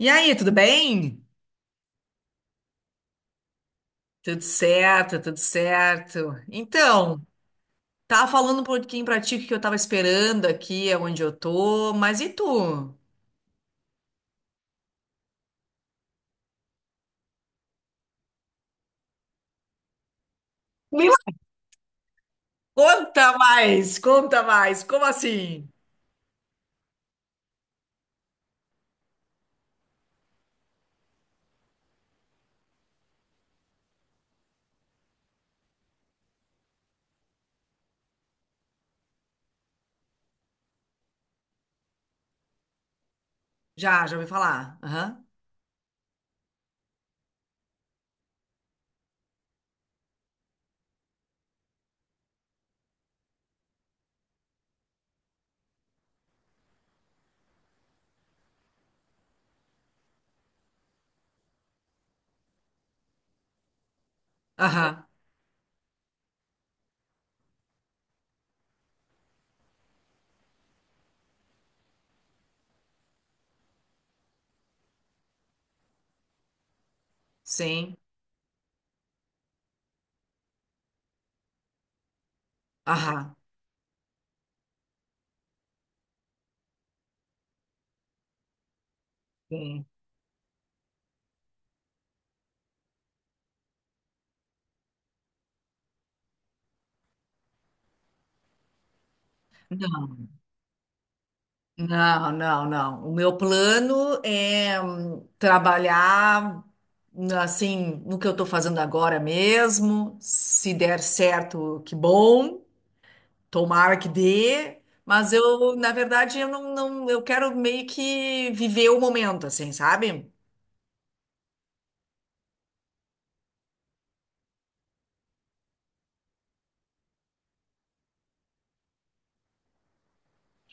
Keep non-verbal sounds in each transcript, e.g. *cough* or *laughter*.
E aí, tudo bem? Tudo certo, tudo certo. Então, tava falando um pouquinho pra ti o que que eu tava esperando aqui, onde eu tô, mas e tu? Me conta mais, como assim? Já, já ouvi falar. Aham, aham, sim, aham, sim. Não, não, não. O meu plano é trabalhar assim no que eu estou fazendo agora mesmo. Se der certo, que bom. Tomara que dê, mas eu, na verdade, eu não, eu quero meio que viver o momento, assim, sabe?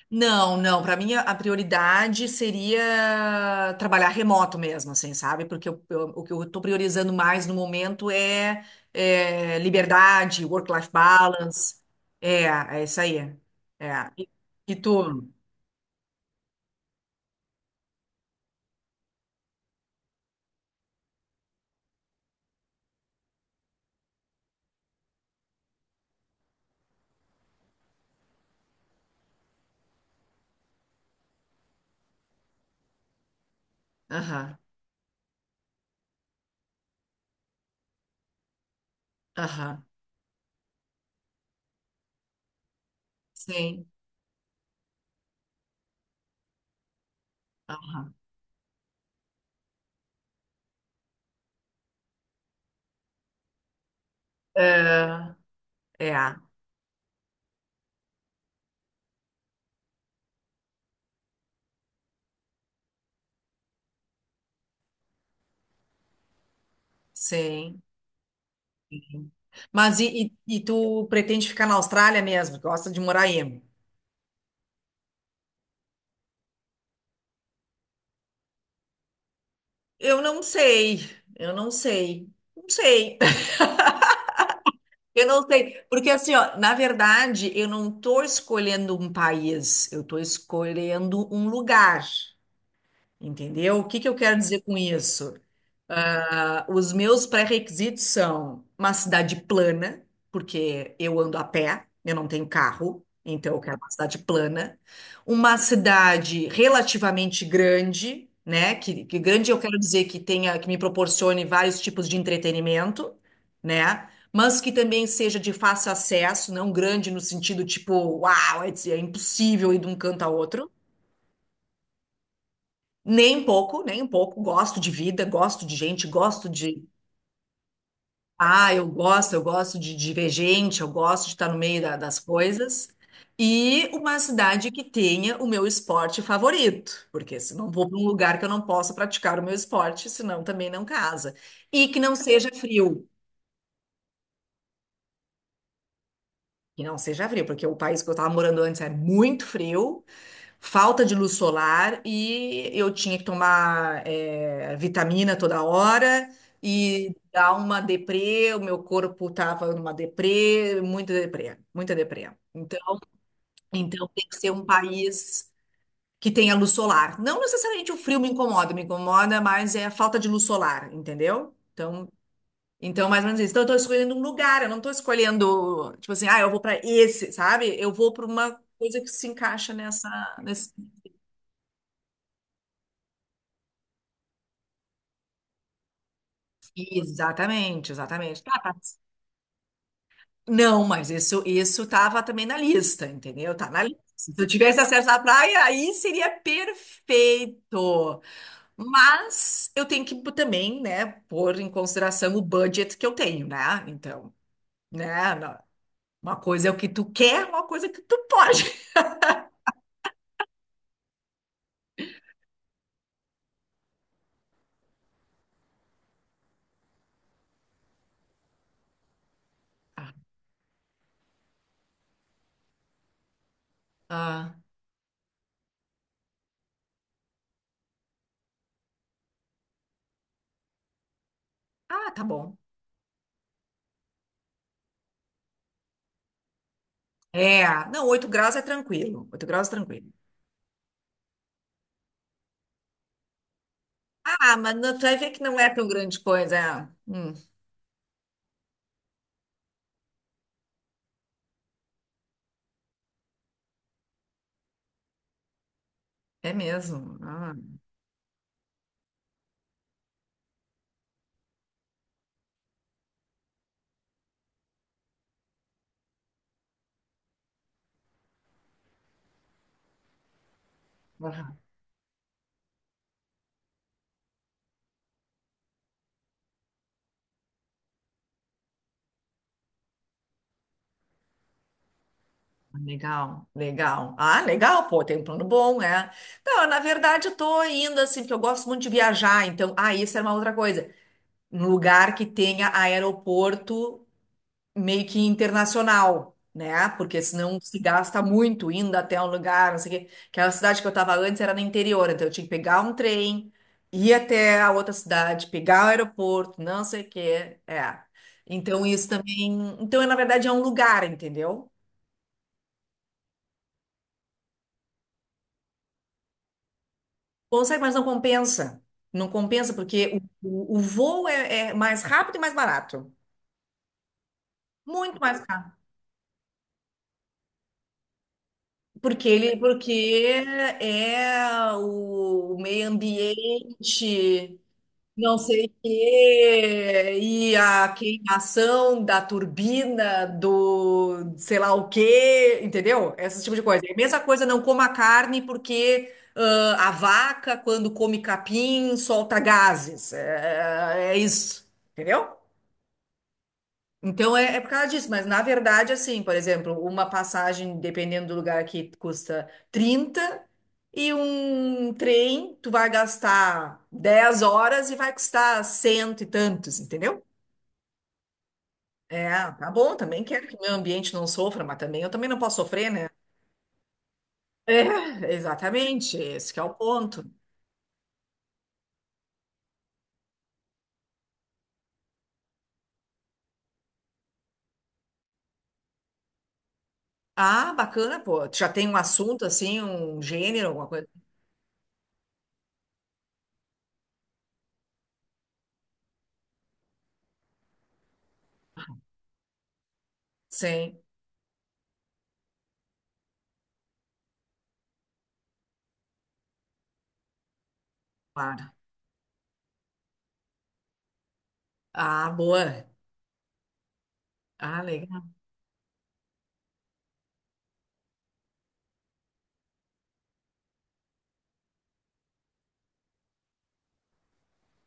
Não, não, para mim a prioridade seria trabalhar remoto mesmo, assim, sabe? Porque o que eu estou priorizando mais no momento é liberdade, work-life balance. É, é isso aí. É. E, e tu? Aham, aham, sim, aham. É, é, sim. Mas e tu pretende ficar na Austrália mesmo? Gosta de morar aí? Eu não sei, eu não sei, não sei, *laughs* eu não sei, porque assim, ó, na verdade, eu não tô escolhendo um país, eu tô escolhendo um lugar, entendeu? O que que eu quero dizer com isso? Ah, os meus pré-requisitos são uma cidade plana, porque eu ando a pé, eu não tenho carro, então eu quero uma cidade plana. Uma cidade relativamente grande, né? Que grande eu quero dizer que tenha, que me proporcione vários tipos de entretenimento, né? Mas que também seja de fácil acesso, não grande no sentido tipo, uau, é impossível ir de um canto a outro. Nem um pouco, nem um pouco. Gosto de vida, gosto de gente, gosto de. Ah, eu gosto de divergente, eu gosto de estar no meio das coisas. E uma cidade que tenha o meu esporte favorito, porque senão vou para um lugar que eu não possa praticar o meu esporte, senão também não casa. E que não seja frio, que não seja frio, porque o país que eu estava morando antes é muito frio. Falta de luz solar e eu tinha que tomar vitamina toda hora e dar uma deprê, o meu corpo estava numa deprê, muita deprê, muita deprê. Então, então tem que ser um país que tenha luz solar. Não necessariamente o frio me incomoda, mas é a falta de luz solar, entendeu? Então, então mais ou menos isso. Então, eu estou escolhendo um lugar, eu não estou escolhendo, tipo assim, ah, eu vou para esse, sabe? Eu vou para uma coisa que se encaixa nessa, nesse. Exatamente, exatamente. Tá, tá. Não, mas isso estava também na lista, entendeu? Tá na lista. Se eu tivesse acesso à praia, aí seria perfeito. Mas eu tenho que também, né, pôr em consideração o budget que eu tenho, né? Então, né, não- uma coisa é o que tu quer, uma coisa é o que tu pode. *laughs* Ah, ah, tá bom. É, não, 8 graus é tranquilo. 8 graus é tranquilo. Ah, mas tu vai ver que não é tão grande coisa. É. É mesmo. Ah. Ah, legal, legal. Ah, legal, pô, tem um plano bom, é. Não, na verdade, eu tô indo assim, porque eu gosto muito de viajar, então, ah, isso era uma outra coisa. Um lugar que tenha aeroporto meio que internacional, né? Porque senão se gasta muito indo até um lugar, não sei o quê. Aquela cidade que eu tava antes era no interior, então eu tinha que pegar um trem, ir até a outra cidade, pegar o aeroporto, não sei o quê. É. Então, isso também. Então, na verdade, é um lugar, entendeu? Consegue, mas não compensa. Não compensa porque o voo é mais rápido e mais barato. Muito mais caro. Porque é o meio ambiente, não sei o quê, e a queimação da turbina do sei lá o quê, entendeu? Esse tipo de coisa. É a mesma coisa, não coma carne porque ah, a vaca, quando come capim, solta gases. É, é isso, entendeu? Então é por causa disso, mas na verdade, assim, por exemplo, uma passagem, dependendo do lugar aqui, custa 30 e um trem, tu vai gastar 10 horas e vai custar cento e tantos, entendeu? É, tá bom, também quero que meu ambiente não sofra, mas também eu também não posso sofrer, né? É, exatamente, esse que é o ponto. Ah, bacana, pô. Tu já tem um assunto assim, um gênero, alguma coisa? Sim, claro. Ah, boa. Ah.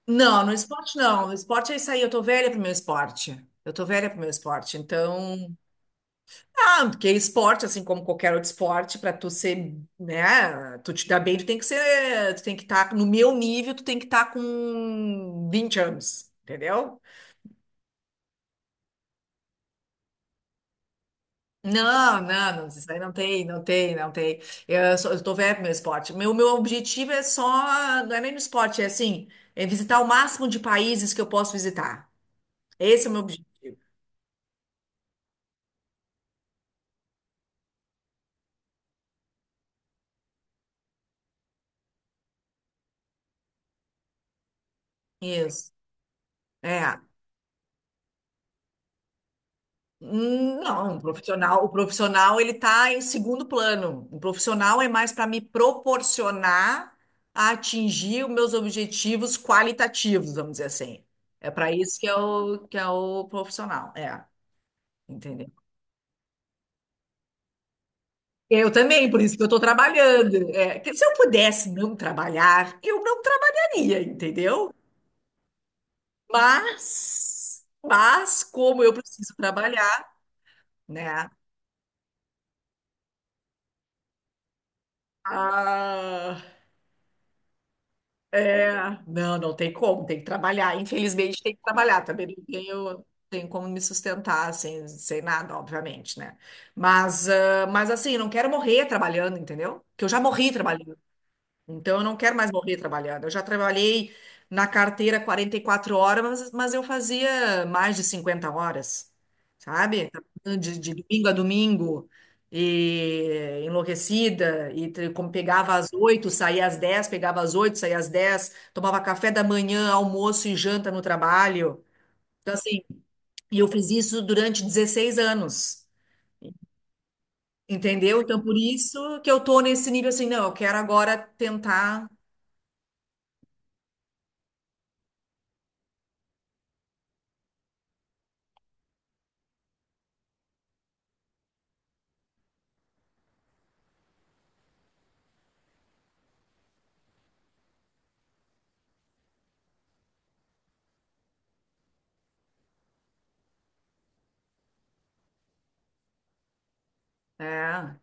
Não, no esporte não. No esporte é isso aí, eu tô velha pro meu esporte. Eu tô velha pro meu esporte. Então, ah, porque esporte, assim como qualquer outro esporte, pra tu ser, né, tu te dar bem, tu tem que ser, tu tem que estar no meu nível, tu tem que estar com 20 anos, entendeu? Não, não, não, isso aí não tem, não tem, não tem. Eu tô velha pro meu esporte. Meu objetivo é só, não é nem no esporte, é assim, é visitar o máximo de países que eu posso visitar. Esse é o meu objetivo. Isso. É. Não, o profissional ele está em segundo plano. O profissional é mais para me proporcionar a atingir os meus objetivos qualitativos, vamos dizer assim. É para isso que é o profissional, é, entendeu? Eu também, por isso que eu estou trabalhando. É, que se eu pudesse não trabalhar, eu não trabalharia, entendeu? Mas como eu preciso trabalhar, né? Ah, é, não, não tem como, tem que trabalhar. Infelizmente, tem que trabalhar também. Não tenho, tenho como me sustentar sem, sem nada, obviamente, né? Mas, ah, mas assim, não quero morrer trabalhando, entendeu? Que eu já morri trabalhando. Então, eu não quero mais morrer trabalhando. Eu já trabalhei na carteira 44 horas, mas eu fazia mais de 50 horas, sabe? De domingo a domingo, e enlouquecida, como pegava às 8 saía às 10 pegava às 8 saía às 10 tomava café da manhã, almoço e janta no trabalho. Então, assim, e eu fiz isso durante 16 anos, entendeu? Então, por isso que eu tô nesse nível assim, não, eu quero agora tentar. É.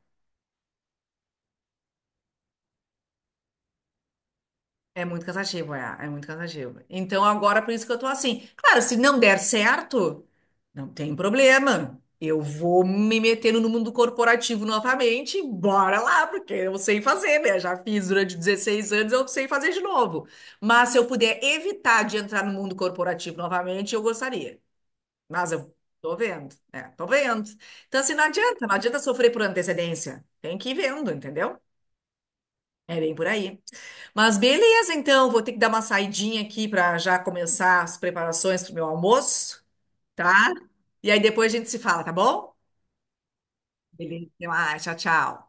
É muito cansativo, é, é muito cansativo. Então agora por isso que eu tô assim. Claro, se não der certo, não tem problema. Eu vou me metendo no mundo corporativo novamente, e bora lá, porque eu sei fazer, né? Já fiz durante 16 anos, eu sei fazer de novo. Mas se eu puder evitar de entrar no mundo corporativo novamente, eu gostaria. Mas eu tô vendo, né? Tô vendo. Então, assim, não adianta, não adianta sofrer por antecedência. Tem que ir vendo, entendeu? É bem por aí. Mas beleza, então, vou ter que dar uma saidinha aqui para já começar as preparações para o meu almoço, tá? E aí depois a gente se fala, tá bom? Beleza, até mais, tchau, tchau.